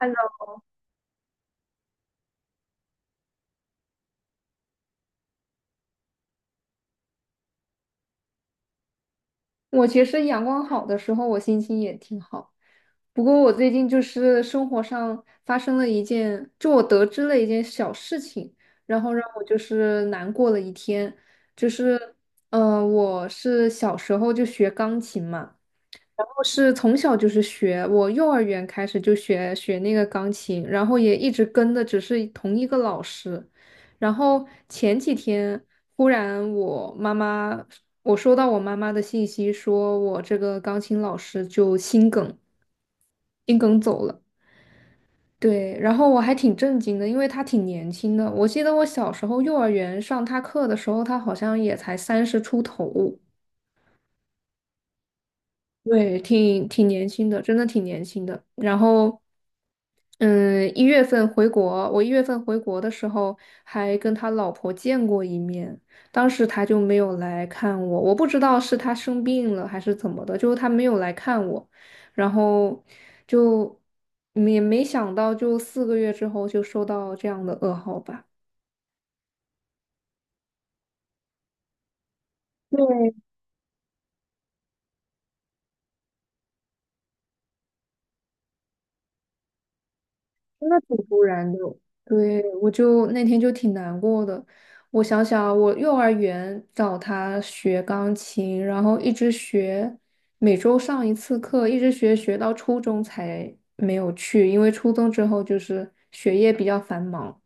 看到。我其实阳光好的时候，我心情也挺好。不过我最近就是生活上发生了一件，就我得知了一件小事情，然后让我就是难过了一天。就是，我是小时候就学钢琴嘛。然后是从小就是学，我幼儿园开始就学那个钢琴，然后也一直跟的只是同一个老师。然后前几天忽然我妈妈，我收到我妈妈的信息，说我这个钢琴老师就心梗，心梗走了。对，然后我还挺震惊的，因为他挺年轻的。我记得我小时候幼儿园上他课的时候，他好像也才30出头。对，挺年轻的，真的挺年轻的。然后。嗯，一月份回国，我一月份回国的时候还跟他老婆见过一面，当时他就没有来看我，我不知道是他生病了还是怎么的，就是他没有来看我，然后就也没想到，就4个月之后就收到这样的噩耗吧。对。那挺突然的，对，我就那天就挺难过的。我想想，我幼儿园找他学钢琴，然后一直学，每周上一次课，一直学到初中才没有去，因为初中之后就是学业比较繁忙，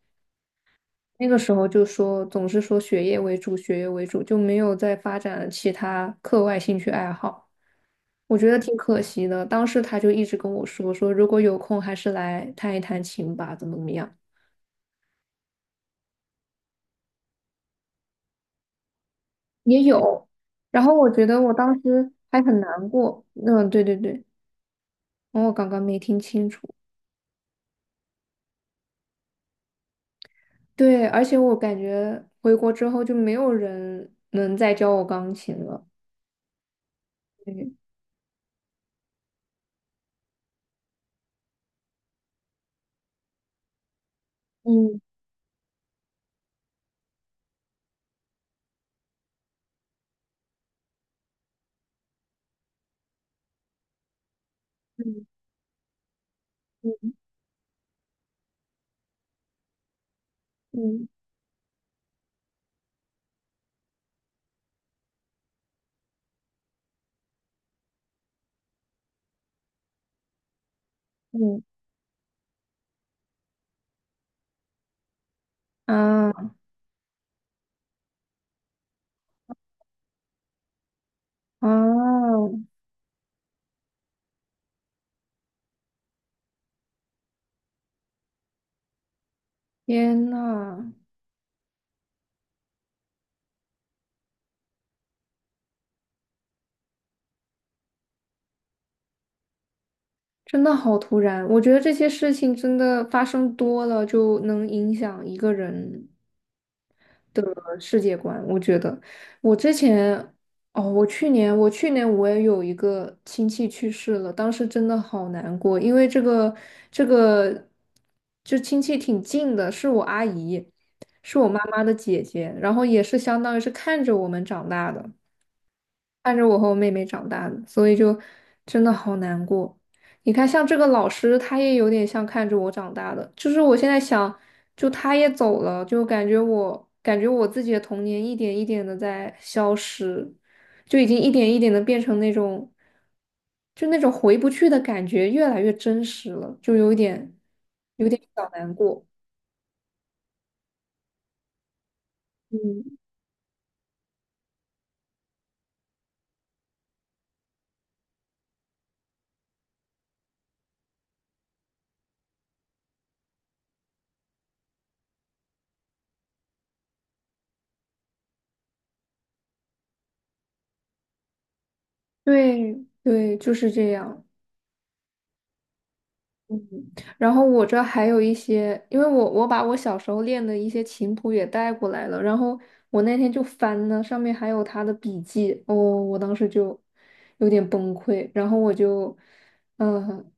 那个时候就说总是说学业为主，学业为主，就没有再发展其他课外兴趣爱好。我觉得挺可惜的，当时他就一直跟我说，说如果有空还是来弹一弹琴吧，怎么怎么样。也有。然后我觉得我当时还很难过。嗯，对，对，对，然后我刚刚没听清楚。对，而且我感觉回国之后就没有人能再教我钢琴了。对，嗯，嗯，嗯，嗯，嗯，啊，啊！天呐，真的好突然！我觉得这些事情真的发生多了，就能影响一个人的世界观。我觉得我之前，哦，我去年我也有一个亲戚去世了，当时真的好难过，因为这个就亲戚挺近的，是我阿姨，是我妈妈的姐姐，然后也是相当于是看着我们长大的。看着我和我妹妹长大的，所以就真的好难过。你看，像这个老师，他也有点像看着我长大的。就是我现在想，就他也走了，就感觉我感觉我自己的童年一点一点的在消失，就已经一点一点的变成那种，就那种回不去的感觉，越来越真实了，就有点小难过。嗯，对，对，就是这样。嗯，然后我这还有一些，因为我把我小时候练的一些琴谱也带过来了，然后我那天就翻呢，上面还有他的笔记，哦，我当时就有点崩溃，然后我就嗯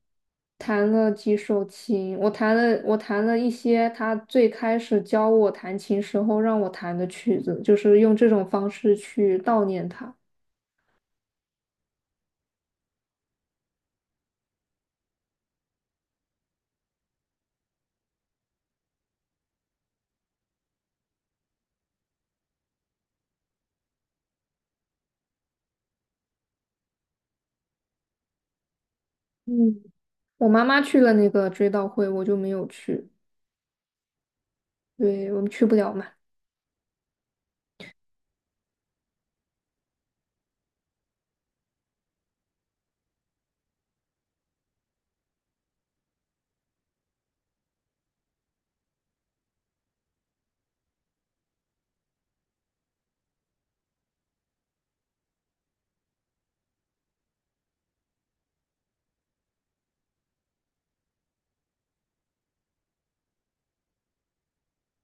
弹了几首琴，我弹了一些他最开始教我弹琴时候让我弹的曲子，就是用这种方式去悼念他。嗯，我妈妈去了那个追悼会，我就没有去，对，我们去不了嘛。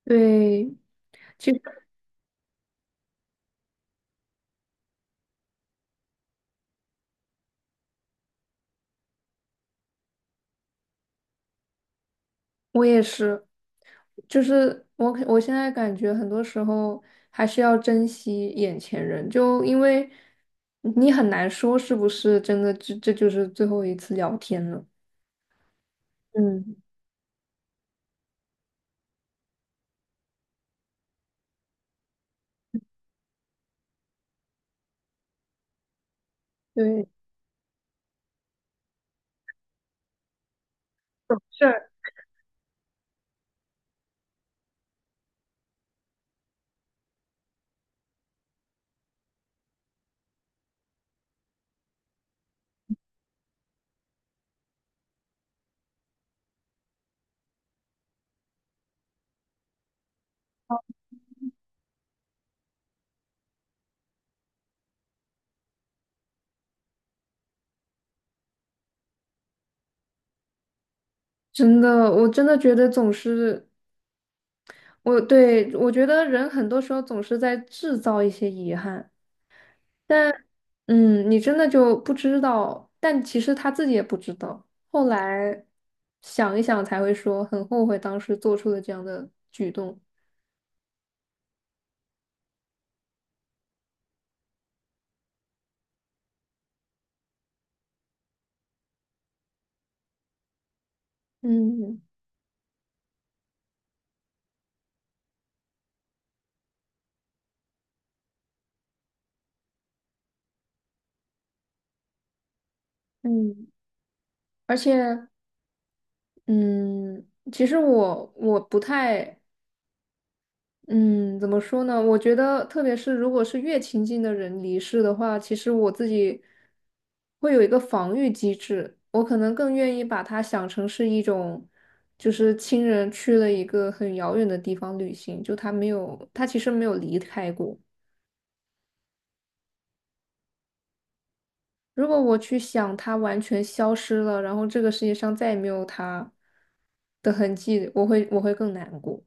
对，其实我也是，就是我现在感觉很多时候还是要珍惜眼前人，就因为你很难说是不是真的这就是最后一次聊天了。嗯，对，是真的，我真的觉得总是我觉得人很多时候总是在制造一些遗憾。但你真的就不知道，但其实他自己也不知道。后来想一想才会说很后悔当时做出了这样的举动。嗯，嗯，而且嗯，其实我不太，嗯，怎么说呢？我觉得，特别是如果是越亲近的人离世的话，其实我自己会有一个防御机制，我可能更愿意把它想成是一种，就是亲人去了一个很遥远的地方旅行，就他其实没有离开过。如果我去想他完全消失了，然后这个世界上再也没有他的痕迹，我会更难过。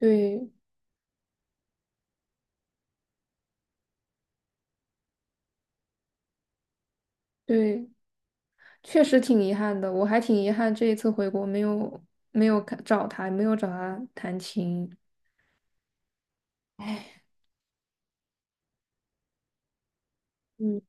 对，对。确实挺遗憾的，我还挺遗憾这一次回国没有找他，没有找他弹琴。唉，嗯，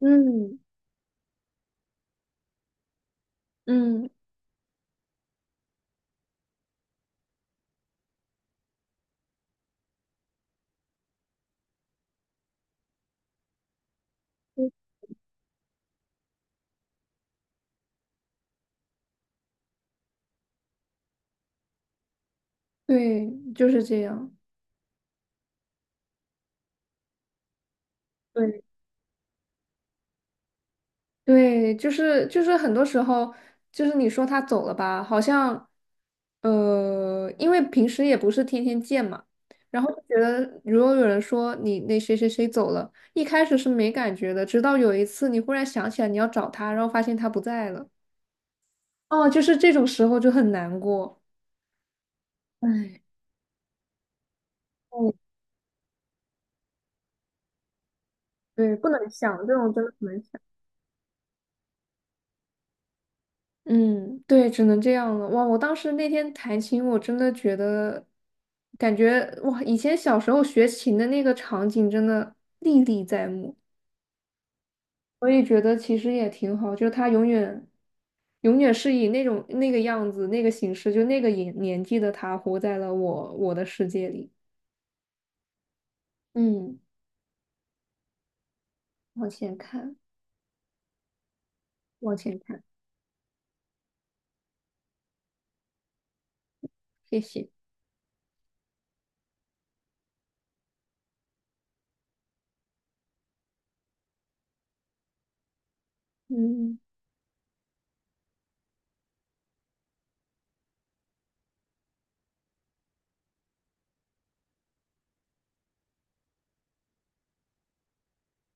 嗯，嗯，对，就是这样。对，对，就是很多时候，就是你说他走了吧，好像，因为平时也不是天天见嘛，然后就觉得如果有人说你那谁谁谁走了，一开始是没感觉的，直到有一次你忽然想起来你要找他，然后发现他不在了。哦，就是这种时候就很难过。唉，嗯，对，不能想，这种真的不能想。嗯，对，只能这样了。哇，我当时那天弹琴，我真的觉得，感觉哇，以前小时候学琴的那个场景真的历历在目。我也觉得其实也挺好，就是他永远永远是以那种那个样子、那个形式，就那个年纪的他，活在了我的世界里。嗯，往前看，往前看，谢谢。嗯。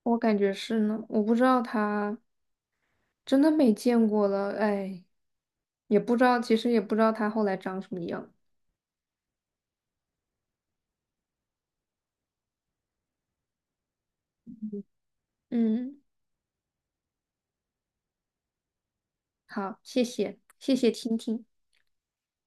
我感觉是呢，我不知道他真的没见过了，哎，也不知道，其实也不知道他后来长什么样。嗯，好，谢谢，谢谢听听。